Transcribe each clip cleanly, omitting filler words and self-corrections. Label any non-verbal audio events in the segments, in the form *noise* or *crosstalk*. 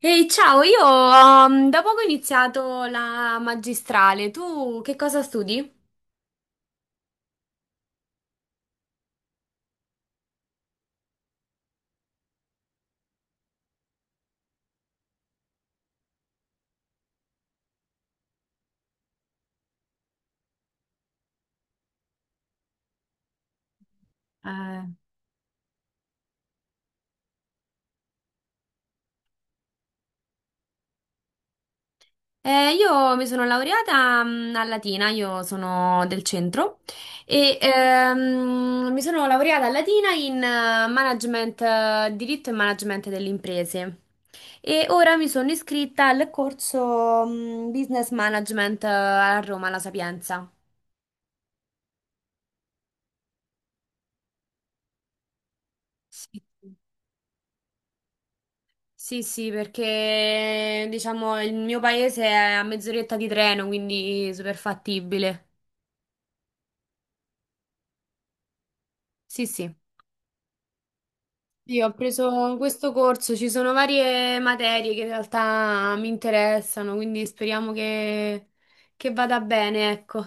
Ehi, ciao, io da poco ho iniziato la magistrale. Tu che cosa studi? Eh, io mi sono laureata a Latina, io sono del centro e mi sono laureata a Latina in management, diritto e management delle imprese. E ora mi sono iscritta al corso Business Management a Roma, alla Sapienza. Sì. Sì, sì, perché diciamo il mio paese è a mezz'oretta di treno, quindi super fattibile. Sì, sì. Io ho preso questo corso, ci sono varie materie che in realtà mi interessano, quindi speriamo che vada bene, ecco.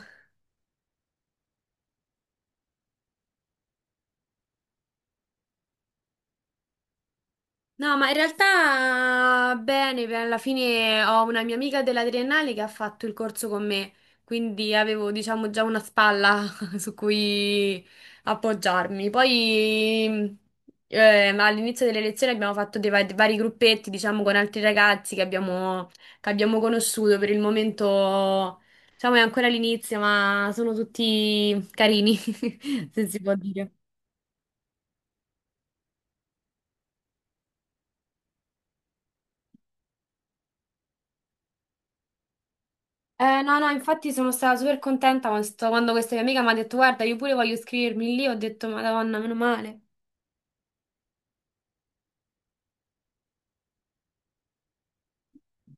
No, ma in realtà bene, alla fine ho una mia amica della triennale che ha fatto il corso con me, quindi avevo, diciamo, già una spalla *laughs* su cui appoggiarmi. Poi eh, all'inizio delle lezioni abbiamo fatto dei vari gruppetti, diciamo, con altri ragazzi che abbiamo conosciuto. Per il momento, diciamo, è ancora l'inizio, ma sono tutti carini, *laughs* se si può dire. No, no, infatti sono stata super contenta quando, quando questa mia amica mi ha detto, guarda, io pure voglio iscrivermi lì, ho detto, Madonna, meno male.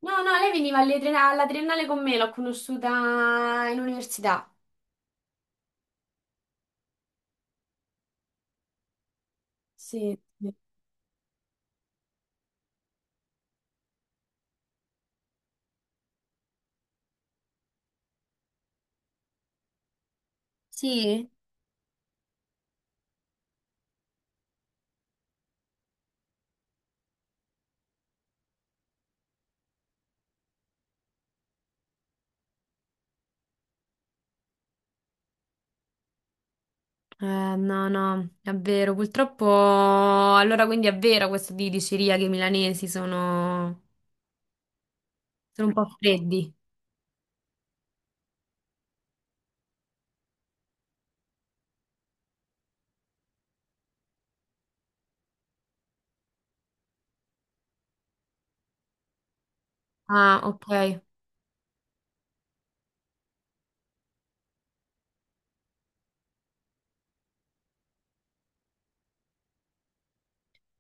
No, no, lei veniva alle alla triennale con me, l'ho conosciuta in università. Sì, sì. Sì. Eh, no, no, è vero. Purtroppo, allora quindi è vero questo di diceria che i milanesi sono, sono un po' freddi. Ah, ok.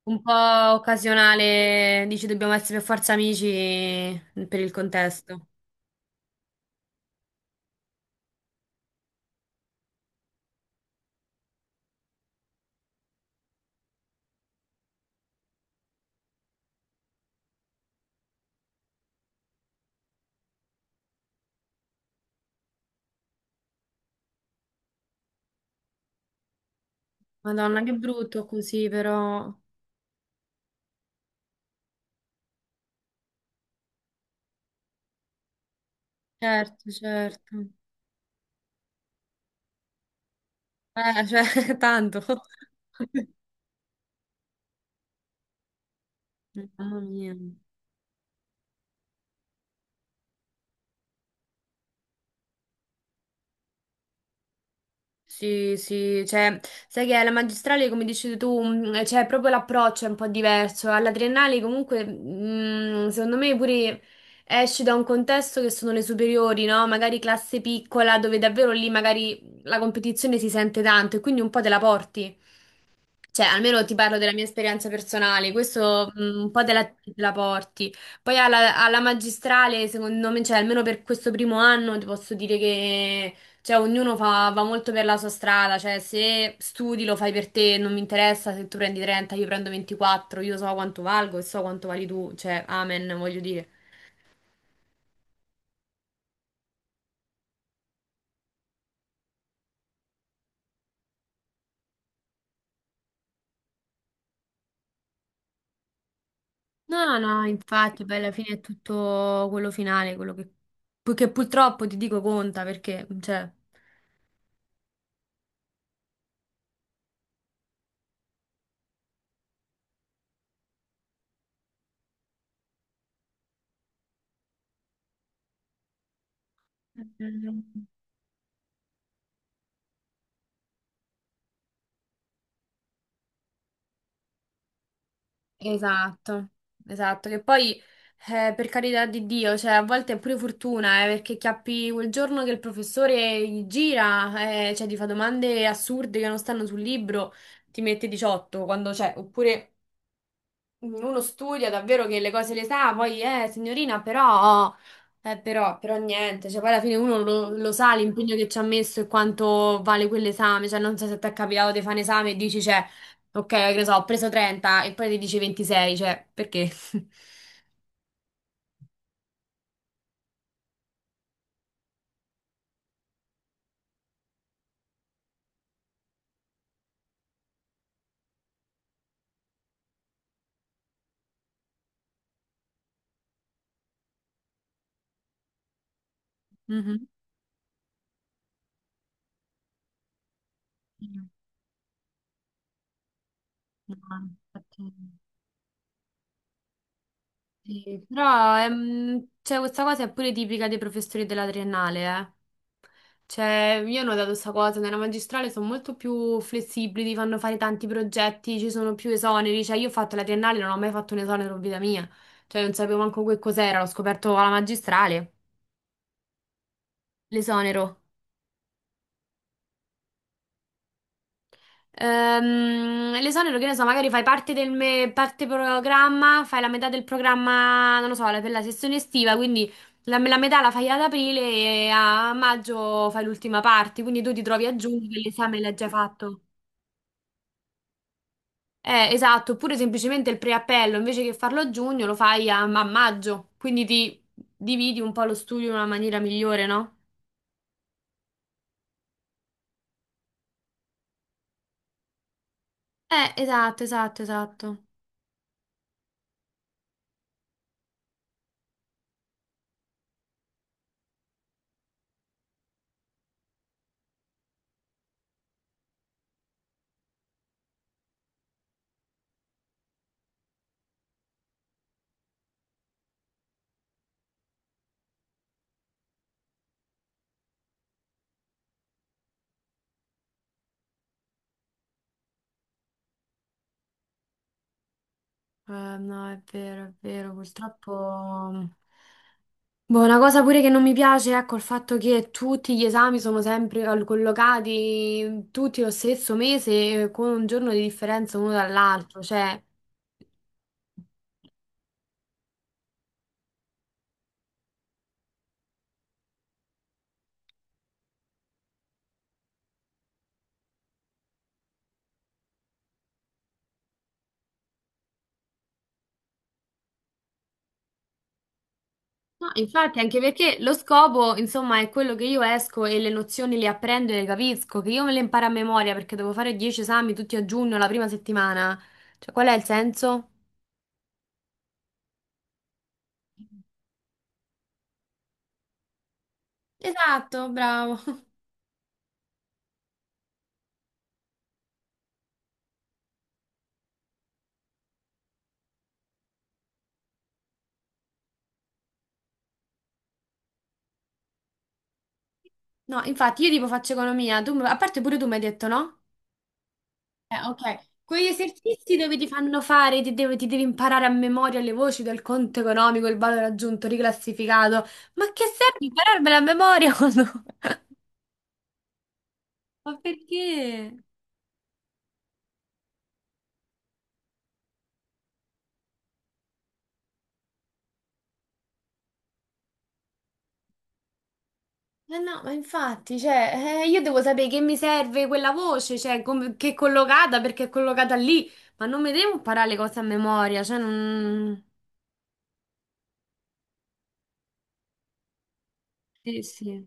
Un po' occasionale, dici dobbiamo essere per forza amici per il contesto. Madonna, che brutto così, però. Certo, certo. Cioè, *laughs* tanto. Mamma mia. Sì, sì, cioè, sai che alla magistrale, come dici tu, cioè, proprio l'approccio è un po' diverso. Alla triennale, comunque, secondo me pure esci da un contesto che sono le superiori, no? Magari classe piccola, dove davvero lì magari la competizione si sente tanto e quindi un po' te la porti. Cioè, almeno ti parlo della mia esperienza personale, questo un po' te la porti. Poi alla magistrale, secondo me, cioè, almeno per questo primo anno, ti posso dire che cioè, ognuno va molto per la sua strada. Cioè, se studi lo fai per te, non mi interessa se tu prendi 30, io prendo 24, io so quanto valgo e so quanto vali tu. Cioè, amen, voglio dire. No, no, infatti, poi alla fine è tutto quello finale, quello che purtroppo ti dico conta, perché, cioè... Esatto, esatto, che poi per carità di Dio, cioè a volte è pure fortuna, perché chiappi quel giorno che il professore gli gira, cioè ti fa domande assurde che non stanno sul libro, ti mette 18 quando c'è, oppure uno studia davvero che le cose le sa, poi signorina, però, però niente, cioè poi alla fine uno lo sa l'impegno che ci ha messo e quanto vale quell'esame, cioè non so se ti è capitato di fare un esame e dici, cioè, ok, che ne so, ho preso 30 e poi ti dici 26, cioè, perché? *laughs* Mhm. No, infatti. Sì, però cioè, questa cosa è pure tipica dei professori della triennale, eh. Cioè, io ho notato questa cosa, nella magistrale sono molto più flessibili, ti fanno fare tanti progetti, ci sono più esoneri, cioè io ho fatto la triennale, non ho mai fatto un esonero in vita mia, cioè non sapevo manco che cos'era, l'ho scoperto alla magistrale, l'esonero. L'esonero, che ne so, magari fai parte del parte programma, fai la metà del programma, non lo so, per la sessione estiva, quindi la metà la fai ad aprile e a maggio fai l'ultima parte, quindi tu ti trovi a giugno che l'esame l'hai già fatto. Esatto, oppure semplicemente il preappello, invece che farlo a giugno, lo fai a maggio, quindi ti dividi un po' lo studio in una maniera migliore, no? Esatto, esatto, esatto. Eh, no, è vero, purtroppo. Boh, una cosa pure che non mi piace, ecco, il fatto che tutti gli esami sono sempre collocati tutti lo stesso mese con un giorno di differenza uno dall'altro, cioè... No, infatti, anche perché lo scopo, insomma, è quello che io esco e le nozioni le apprendo e le capisco, che io me le imparo a memoria perché devo fare 10 esami tutti a giugno, la prima settimana. Cioè, qual è il senso? Esatto, bravo. *laughs* No, infatti, io tipo faccio economia, tu, a parte pure tu mi hai detto, no? Ok, quegli esercizi dove ti fanno fare, ti, ti devi imparare a memoria le voci del conto economico, il valore aggiunto, riclassificato. Ma che serve impararmela a memoria quando- *laughs* Ma perché? Eh no, ma infatti, cioè, io devo sapere che mi serve quella voce, cioè, che è collocata, perché è collocata lì, ma non mi devo imparare le cose a memoria, cioè, non... Sì, sì,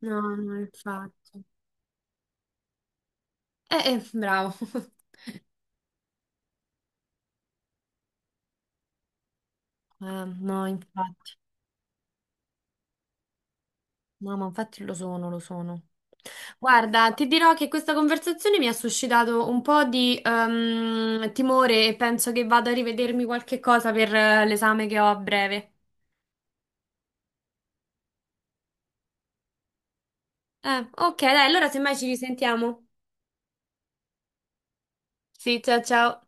no, no, infatti. Bravo. *laughs* No, infatti. No, ma infatti lo sono, lo sono. Guarda, ti dirò che questa conversazione mi ha suscitato un po' di timore e penso che vado a rivedermi qualche cosa per l'esame che ho a breve. Ok, dai, allora semmai ci risentiamo. Sì, ciao ciao.